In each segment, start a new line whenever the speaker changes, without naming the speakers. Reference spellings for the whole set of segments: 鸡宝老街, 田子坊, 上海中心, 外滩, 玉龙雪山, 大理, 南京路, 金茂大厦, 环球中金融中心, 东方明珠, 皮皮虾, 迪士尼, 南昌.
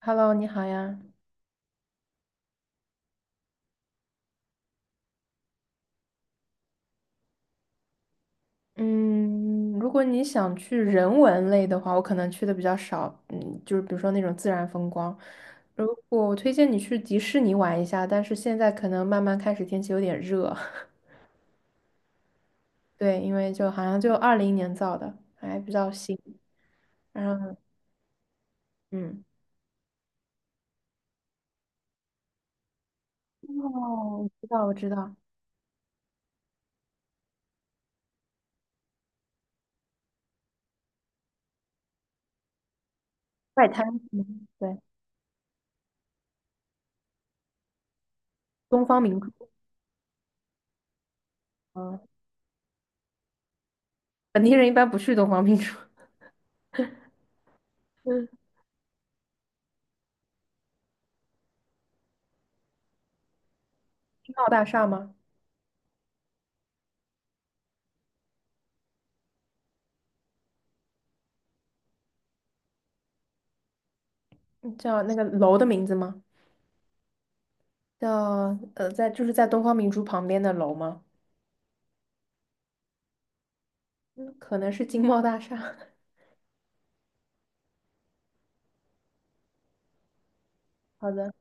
Hello，你好呀。嗯，如果你想去人文类的话，我可能去的比较少。嗯，就是比如说那种自然风光。如果我推荐你去迪士尼玩一下，但是现在可能慢慢开始天气有点热。对，因为就好像就20年造的，还比较新。然后，嗯，哦，我知道，外滩，嗯，对，东方明珠。嗯，本地人一般不去东方明珠。嗯，是金茂大厦吗？嗯叫那个楼的名字吗？叫在就是在东方明珠旁边的楼吗？嗯，可能是金茂大厦。好的，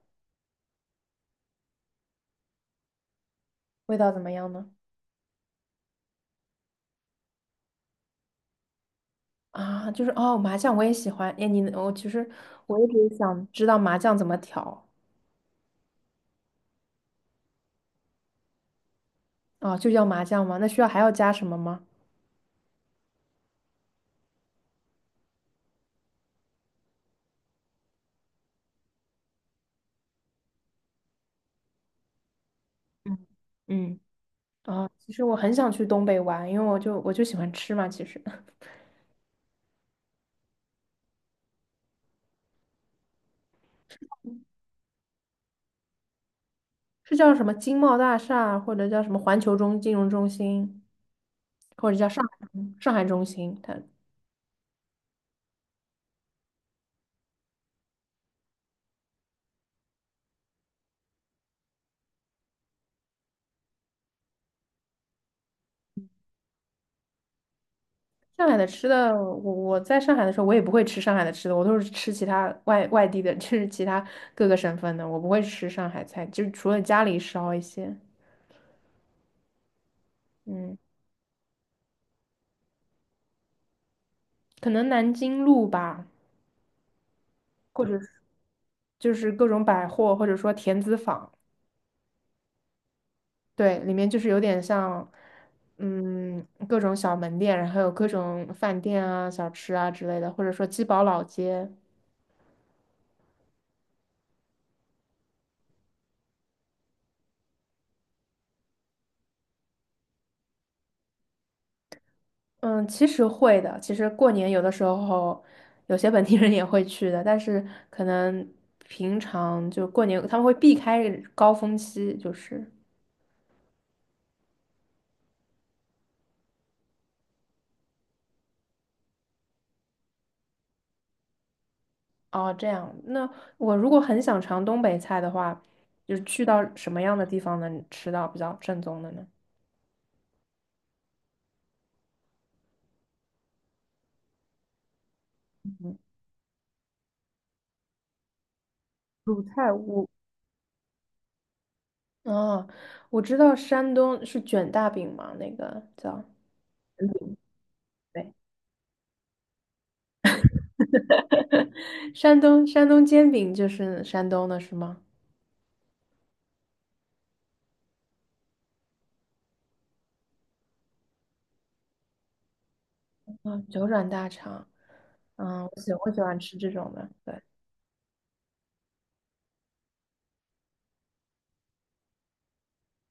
味道怎么样呢？啊，就是哦，麻酱我也喜欢。哎，你我其实我一直想知道麻酱怎么调啊，就叫麻酱吗？那需要还要加什么吗？嗯嗯啊，其实我很想去东北玩，因为我就喜欢吃嘛。其实 是叫什么金茂大厦，或者叫什么环球中金融中心，或者叫上海中心，它上海的吃的，我在上海的时候，我也不会吃上海的吃的，我都是吃其他外地的，就是其他各个省份的，我不会吃上海菜，就是除了家里烧一些，嗯，可能南京路吧，或者是就是各种百货，或者说田子坊，对，里面就是有点像，嗯，各种小门店，然后有各种饭店啊、小吃啊之类的，或者说鸡宝老街。嗯，其实会的。其实过年有的时候，有些本地人也会去的，但是可能平常就过年他们会避开高峰期，就是哦这样。那我如果很想尝东北菜的话，就是去到什么样的地方能吃到比较正宗的呢？嗯，鲁菜我哦，我知道山东是卷大饼嘛，那个叫嗯对，山东煎饼就是山东的是吗？啊，九转大肠，嗯，我喜欢吃这种的，对，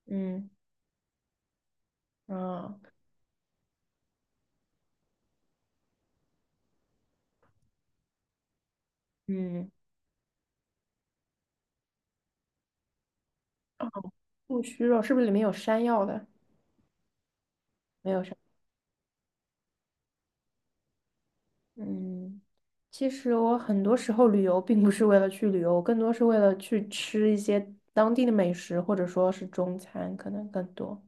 嗯，嗯嗯，木须肉是不是里面有山药的？没有山，嗯，其实我很多时候旅游并不是为了去旅游，我更多是为了去吃一些当地的美食，或者说是中餐，可能更多。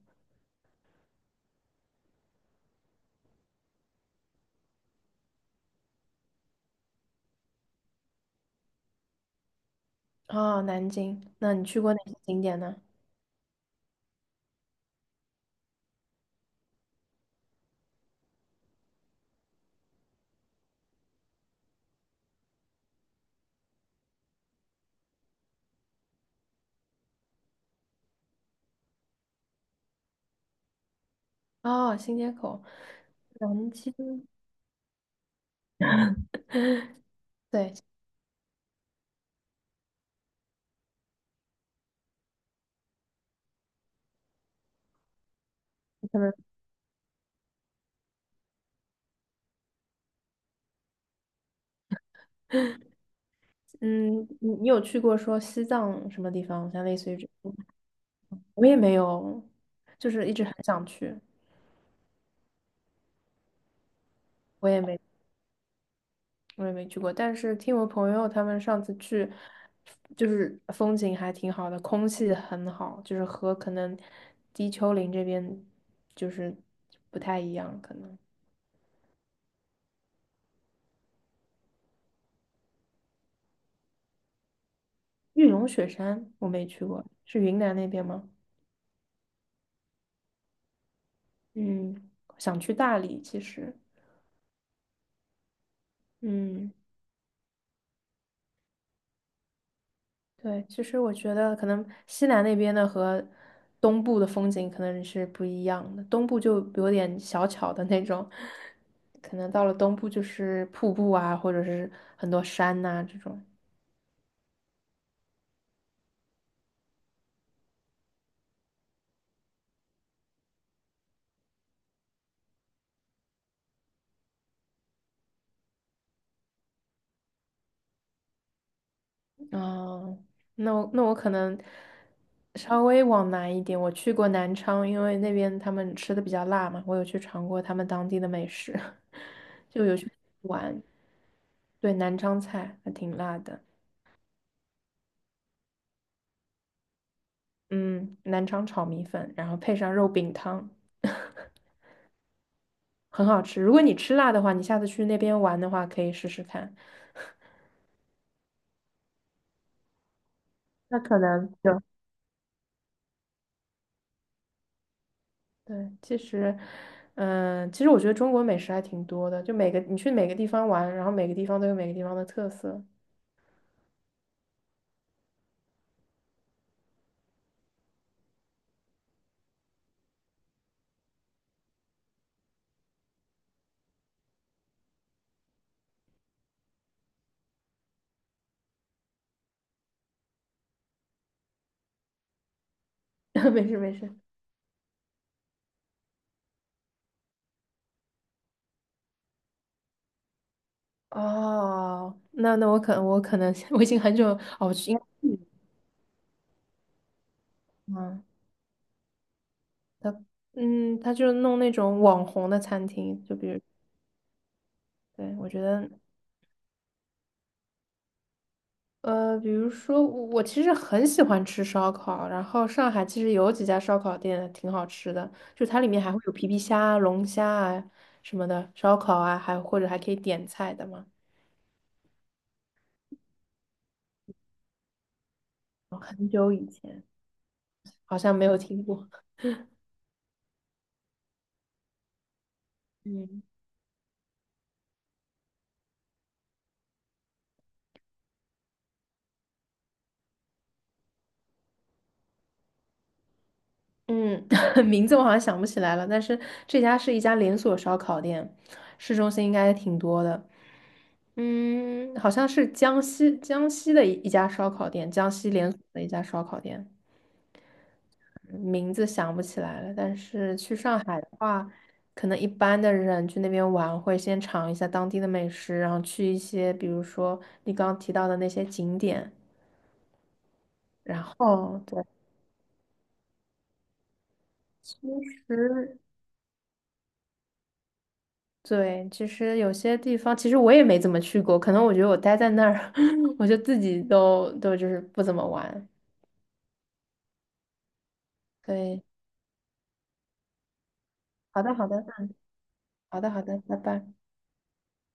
啊，南京，那你去过哪些景点呢？啊，新街口，南京，对，可能。嗯，你有去过说西藏什么地方？像类似于这，我也没有，就是一直很想去，我也没我也没去过。但是听我朋友他们上次去，就是风景还挺好的，空气很好，就是和可能低丘陵这边就是不太一样。可能玉龙雪山我没去过，是云南那边吗？嗯，想去大理，其实，嗯。对，其实我觉得可能西南那边的和东部的风景可能是不一样的，东部就有点小巧的那种，可能到了东部就是瀑布啊，或者是很多山呐、这种。嗯，那我可能稍微往南一点，我去过南昌，因为那边他们吃的比较辣嘛，我有去尝过他们当地的美食，就有去玩，对，南昌菜还挺辣的。嗯，南昌炒米粉，然后配上肉饼汤。很好吃。如果你吃辣的话，你下次去那边玩的话，可以试试看。那可能就 对，其实，嗯、其实我觉得中国美食还挺多的，就每个你去每个地方玩，然后每个地方都有每个地方的特色。没事没事。哦，那那我可能 我已经很久哦，我去应该嗯，他嗯他就弄那种网红的餐厅，就比如对我觉得比如说我其实很喜欢吃烧烤，然后上海其实有几家烧烤店挺好吃的，就它里面还会有皮皮虾啊龙虾啊什么的烧烤啊，还或者还可以点菜的嘛。很久以前好像没有听过，嗯，嗯，名字我好像想不起来了，但是这家是一家连锁烧烤店，市中心应该也挺多的。嗯，好像是江西的一家烧烤店，江西连锁的一家烧烤店。名字想不起来了，但是去上海的话，可能一般的人去那边玩会先尝一下当地的美食，然后去一些比如说你刚刚提到的那些景点。哦，对，其实对，其实有些地方其实我也没怎么去过，可能我觉得我待在那儿，我就自己都就是不怎么玩。对，好的好的，嗯，好的好的，拜拜。